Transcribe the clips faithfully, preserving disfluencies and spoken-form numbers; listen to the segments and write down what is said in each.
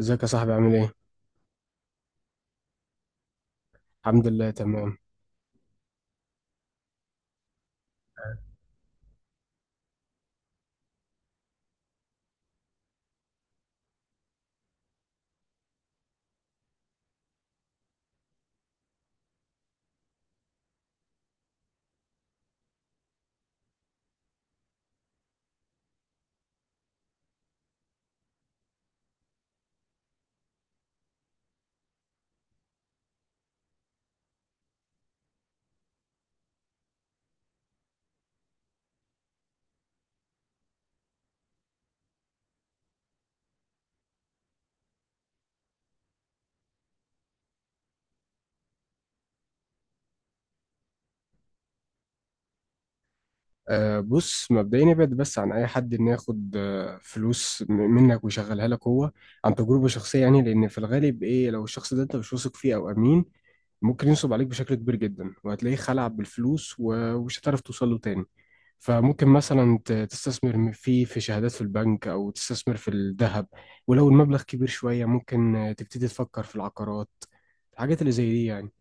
ازيك يا صاحبي عامل ايه؟ الحمد لله تمام. أه، بص، مبدئيا ابعد بس عن اي حد انه ياخد آه، فلوس م- منك ويشغلها لك هو، عن تجربة شخصية. يعني لان في الغالب ايه، لو الشخص ده انت مش واثق فيه او امين ممكن ينصب عليك بشكل كبير جدا، وهتلاقيه خلع بالفلوس و- ومش هتعرف توصل له تاني. فممكن مثلا ت- تستثمر م- فيه في شهادات في البنك، او تستثمر في الذهب. ولو المبلغ كبير شوية ممكن آه، تبتدي تفكر في العقارات، الحاجات اللي زي دي يعني.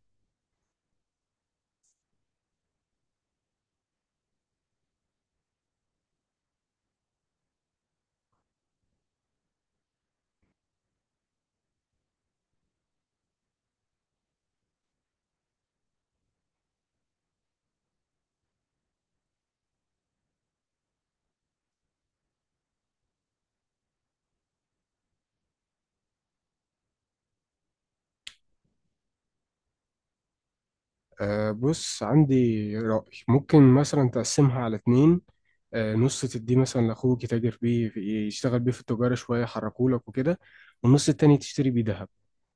أه، بص، عندي رأي، ممكن مثلا تقسمها على اتنين. أه، نص تديه مثلا لأخوك يتاجر بيه، في يشتغل بيه في التجارة شوية، يحركولك وكده. والنص التاني تشتري بيه دهب،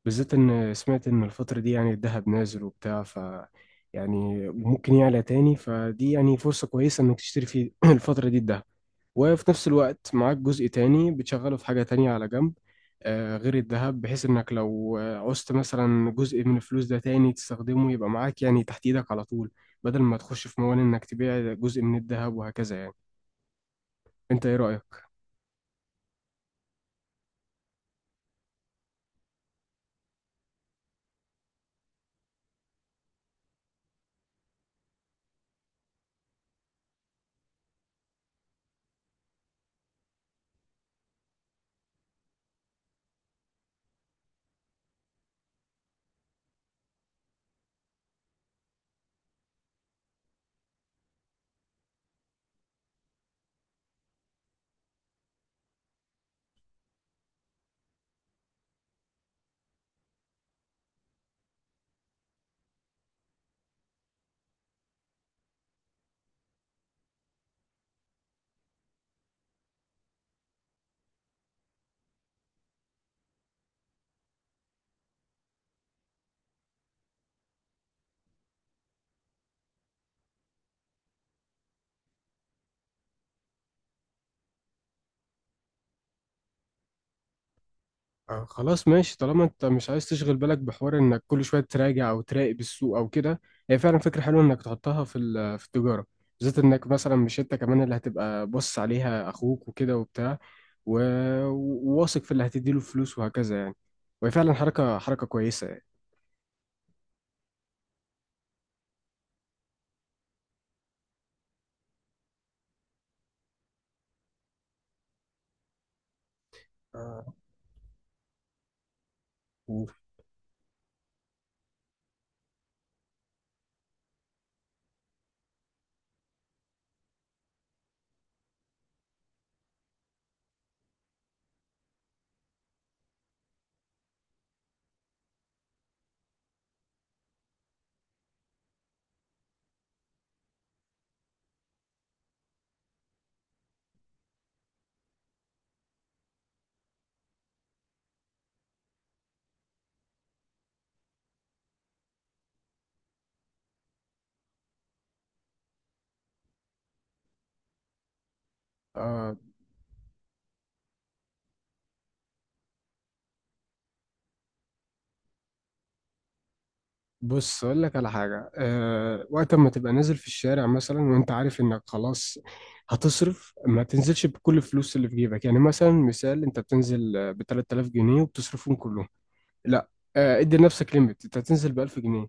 بالذات إن سمعت إن الفترة دي يعني الدهب نازل وبتاع. ف يعني ممكن يعلى تاني، فدي يعني فرصة كويسة إنك تشتري في الفترة دي الدهب. وفي نفس الوقت معاك جزء تاني بتشغله في حاجة تانية على جنب، آه، غير الذهب، بحيث انك لو آه، عوزت مثلا جزء من الفلوس ده تاني تستخدمه يبقى معاك يعني تحت ايدك على طول، بدل ما تخش في موال انك تبيع جزء من الذهب وهكذا يعني. انت ايه رأيك؟ آه، خلاص ماشي. طالما انت مش عايز تشغل بالك بحوار انك كل شويه تراجع او تراقب السوق او كده، هي فعلا فكره حلوه انك تحطها في ال- في التجاره، بالذات انك مثلا مش انت كمان اللي هتبقى بص عليها، اخوك وكده وبتاع، و- وواثق في اللي هتديله فلوس وهكذا يعني. وهي فعلا حركه حركه كويسه يعني. آه، و- آه، بص اقول لك على حاجه. أه، وقت ما تبقى نازل في الشارع مثلا وانت عارف انك خلاص هتصرف، ما تنزلش بكل الفلوس اللي في جيبك. يعني مثلا مثال، انت بتنزل ب ثلاثة آلاف جنيه وبتصرفهم كلهم. لا. آه، ادي لنفسك ليميت، انت هتنزل ب الف جنيه.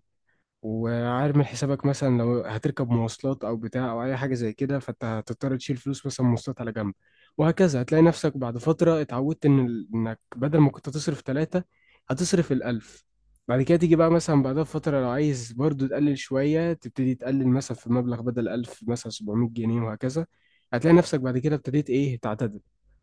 وعارف من حسابك مثلا لو هتركب مواصلات او بتاع او اي حاجه زي كده، فانت هتضطر تشيل فلوس مثلا مواصلات على جنب، وهكذا. هتلاقي نفسك بعد فتره اتعودت ان ال- انك بدل ما كنت تصرف ثلاثه، هتصرف الالف. بعد كده تيجي بقى مثلا بعدها بفتره، لو عايز برضو تقلل شويه، تبتدي تقلل مثلا في المبلغ، بدل الف مثلا سبعمية جنيه، وهكذا. هتلاقي نفسك بعد كده ابتديت ايه، تعتدل.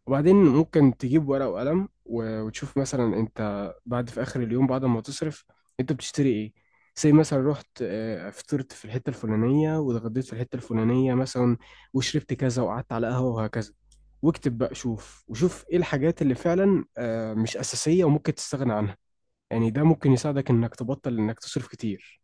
وبعدين ممكن تجيب ورقه وقلم، و- وتشوف مثلا انت بعد في اخر اليوم بعد ما تصرف انت بتشتري ايه. زي مثلا رحت آه، فطرت في الحتة الفلانية، واتغديت في الحتة الفلانية مثلا، وشربت كذا، وقعدت على قهوة وهكذا. واكتب بقى، شوف وشوف ايه الحاجات اللي فعلا آه، مش أساسية وممكن تستغنى عنها. يعني ده ممكن يساعدك انك تبطل انك تصرف كتير.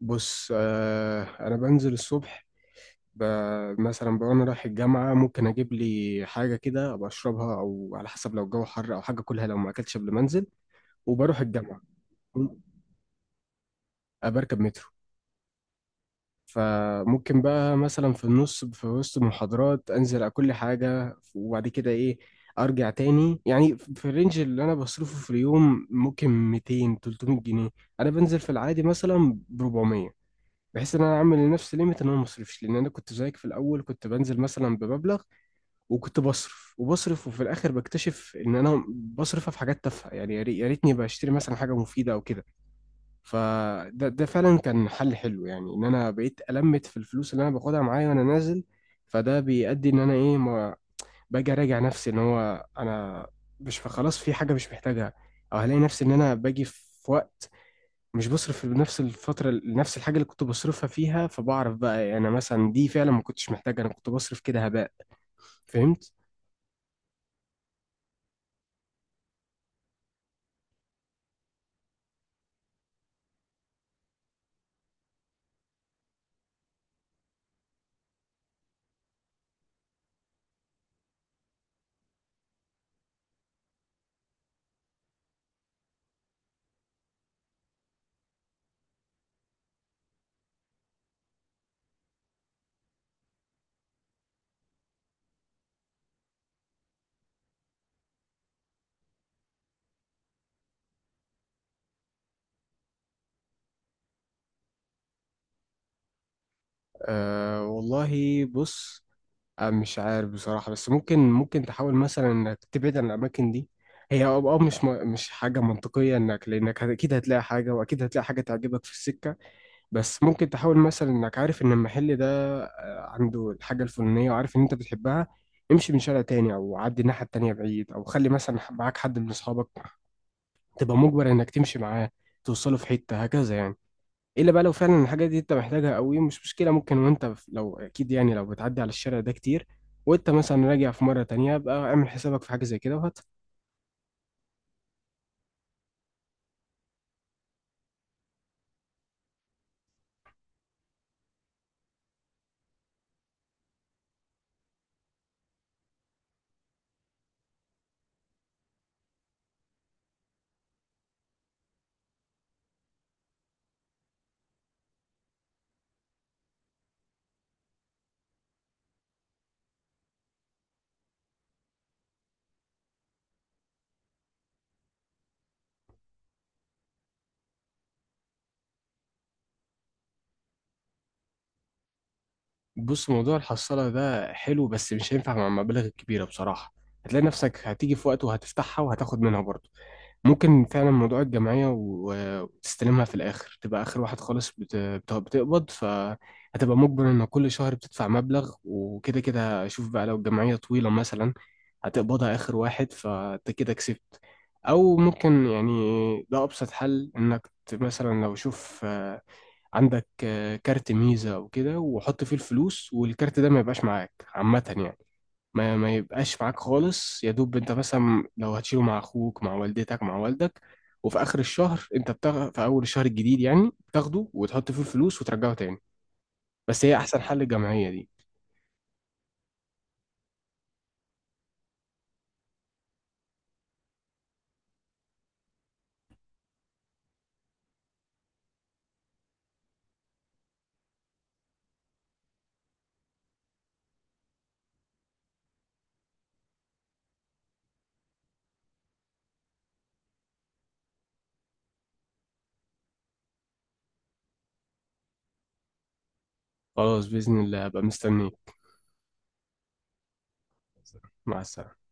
بص، آه، انا بنزل الصبح، ب- مثلا بقى انا رايح الجامعة، ممكن اجيب لي حاجة كده ابقى اشربها، او على حسب لو الجو حر، او حاجة كلها لو ما اكلتش قبل ما انزل. وبروح الجامعة، أبقى بركب مترو. فممكن بقى مثلا في النص في وسط محاضرات انزل اكل حاجه، وبعد كده ايه، ارجع تاني. يعني في الرينج اللي انا بصرفه في اليوم ممكن ميتين تلتميت جنيه. انا بنزل في العادي مثلا ب اربعمية، بحيث ان انا اعمل لنفسي ليميت ان انا ما اصرفش. لان انا كنت زيك في الاول، كنت بنزل مثلا بمبلغ، وكنت بصرف وبصرف، وفي الاخر بكتشف ان انا بصرفها في حاجات تافهه يعني. يا ري- يا ريتني بشتري مثلا حاجه مفيده او كده. فده ده فعلا كان حل حلو، يعني ان انا بقيت المت في الفلوس اللي انا باخدها معايا وانا نازل. فده بيؤدي ان انا ايه، ما باجي اراجع نفسي ان هو انا مش خلاص في حاجه مش محتاجها. او هلاقي نفسي ان انا باجي في وقت مش بصرف في نفس الفتره نفس الحاجه اللي كنت بصرفها فيها. فبعرف بقى، يعني انا مثلا دي فعلا ما كنتش محتاجها، انا كنت بصرف كده هباء. فهمت. آه، والله بص. آه، مش عارف بصراحة، بس ممكن ممكن تحاول مثلا انك تبعد عن الاماكن دي. هي اه آه، مش م- مش حاجة منطقية، انك لانك هت- اكيد هتلاقي حاجة، واكيد هتلاقي حاجة تعجبك في السكة. بس ممكن تحاول مثلا انك عارف ان المحل ده آه، عنده الحاجة الفلانية، وعارف ان انت بتحبها. امشي من شارع تاني او عدي الناحية التانية بعيد، او خلي مثلا معاك حد من اصحابك، تبقى مجبر انك تمشي معاه توصله في حتة هكذا يعني. الا بقى لو فعلا الحاجه دي انت محتاجها قوي، مش مشكله. ممكن وانت في- لو اكيد يعني لو بتعدي على الشارع ده كتير، وانت مثلا راجع في مره تانية بقى، اعمل حسابك في حاجه زي كده وهات. بص، موضوع الحصاله ده حلو بس مش هينفع مع المبالغ الكبيره بصراحه. هتلاقي نفسك هتيجي في وقت وهتفتحها وهتاخد منها برضه. ممكن فعلا موضوع الجمعية، و- وتستلمها في الآخر تبقى آخر واحد خالص بت- بت- بتقبض، فهتبقى مجبر إن كل شهر بتدفع مبلغ. وكده كده شوف بقى، لو الجمعية طويلة مثلا هتقبضها آخر واحد، فأنت كده كسبت. أو ممكن يعني، ده أبسط حل، إنك ت- مثلا لو شوف آه، عندك آه، كارت ميزة أو كده، وحط فيه الفلوس، والكارت ده ما يبقاش معاك عامة يعني. ما, ما يبقاش معاك خالص، يا دوب انت مثلا لو هتشيله مع اخوك، مع والدتك، مع والدك. وفي اخر الشهر انت بتاخد في اول الشهر الجديد يعني بتاخده وتحط فيه الفلوس وترجعه تاني. بس هي احسن حل الجمعية دي. خلاص بإذن الله هبقى مستنيك. مع السلامة.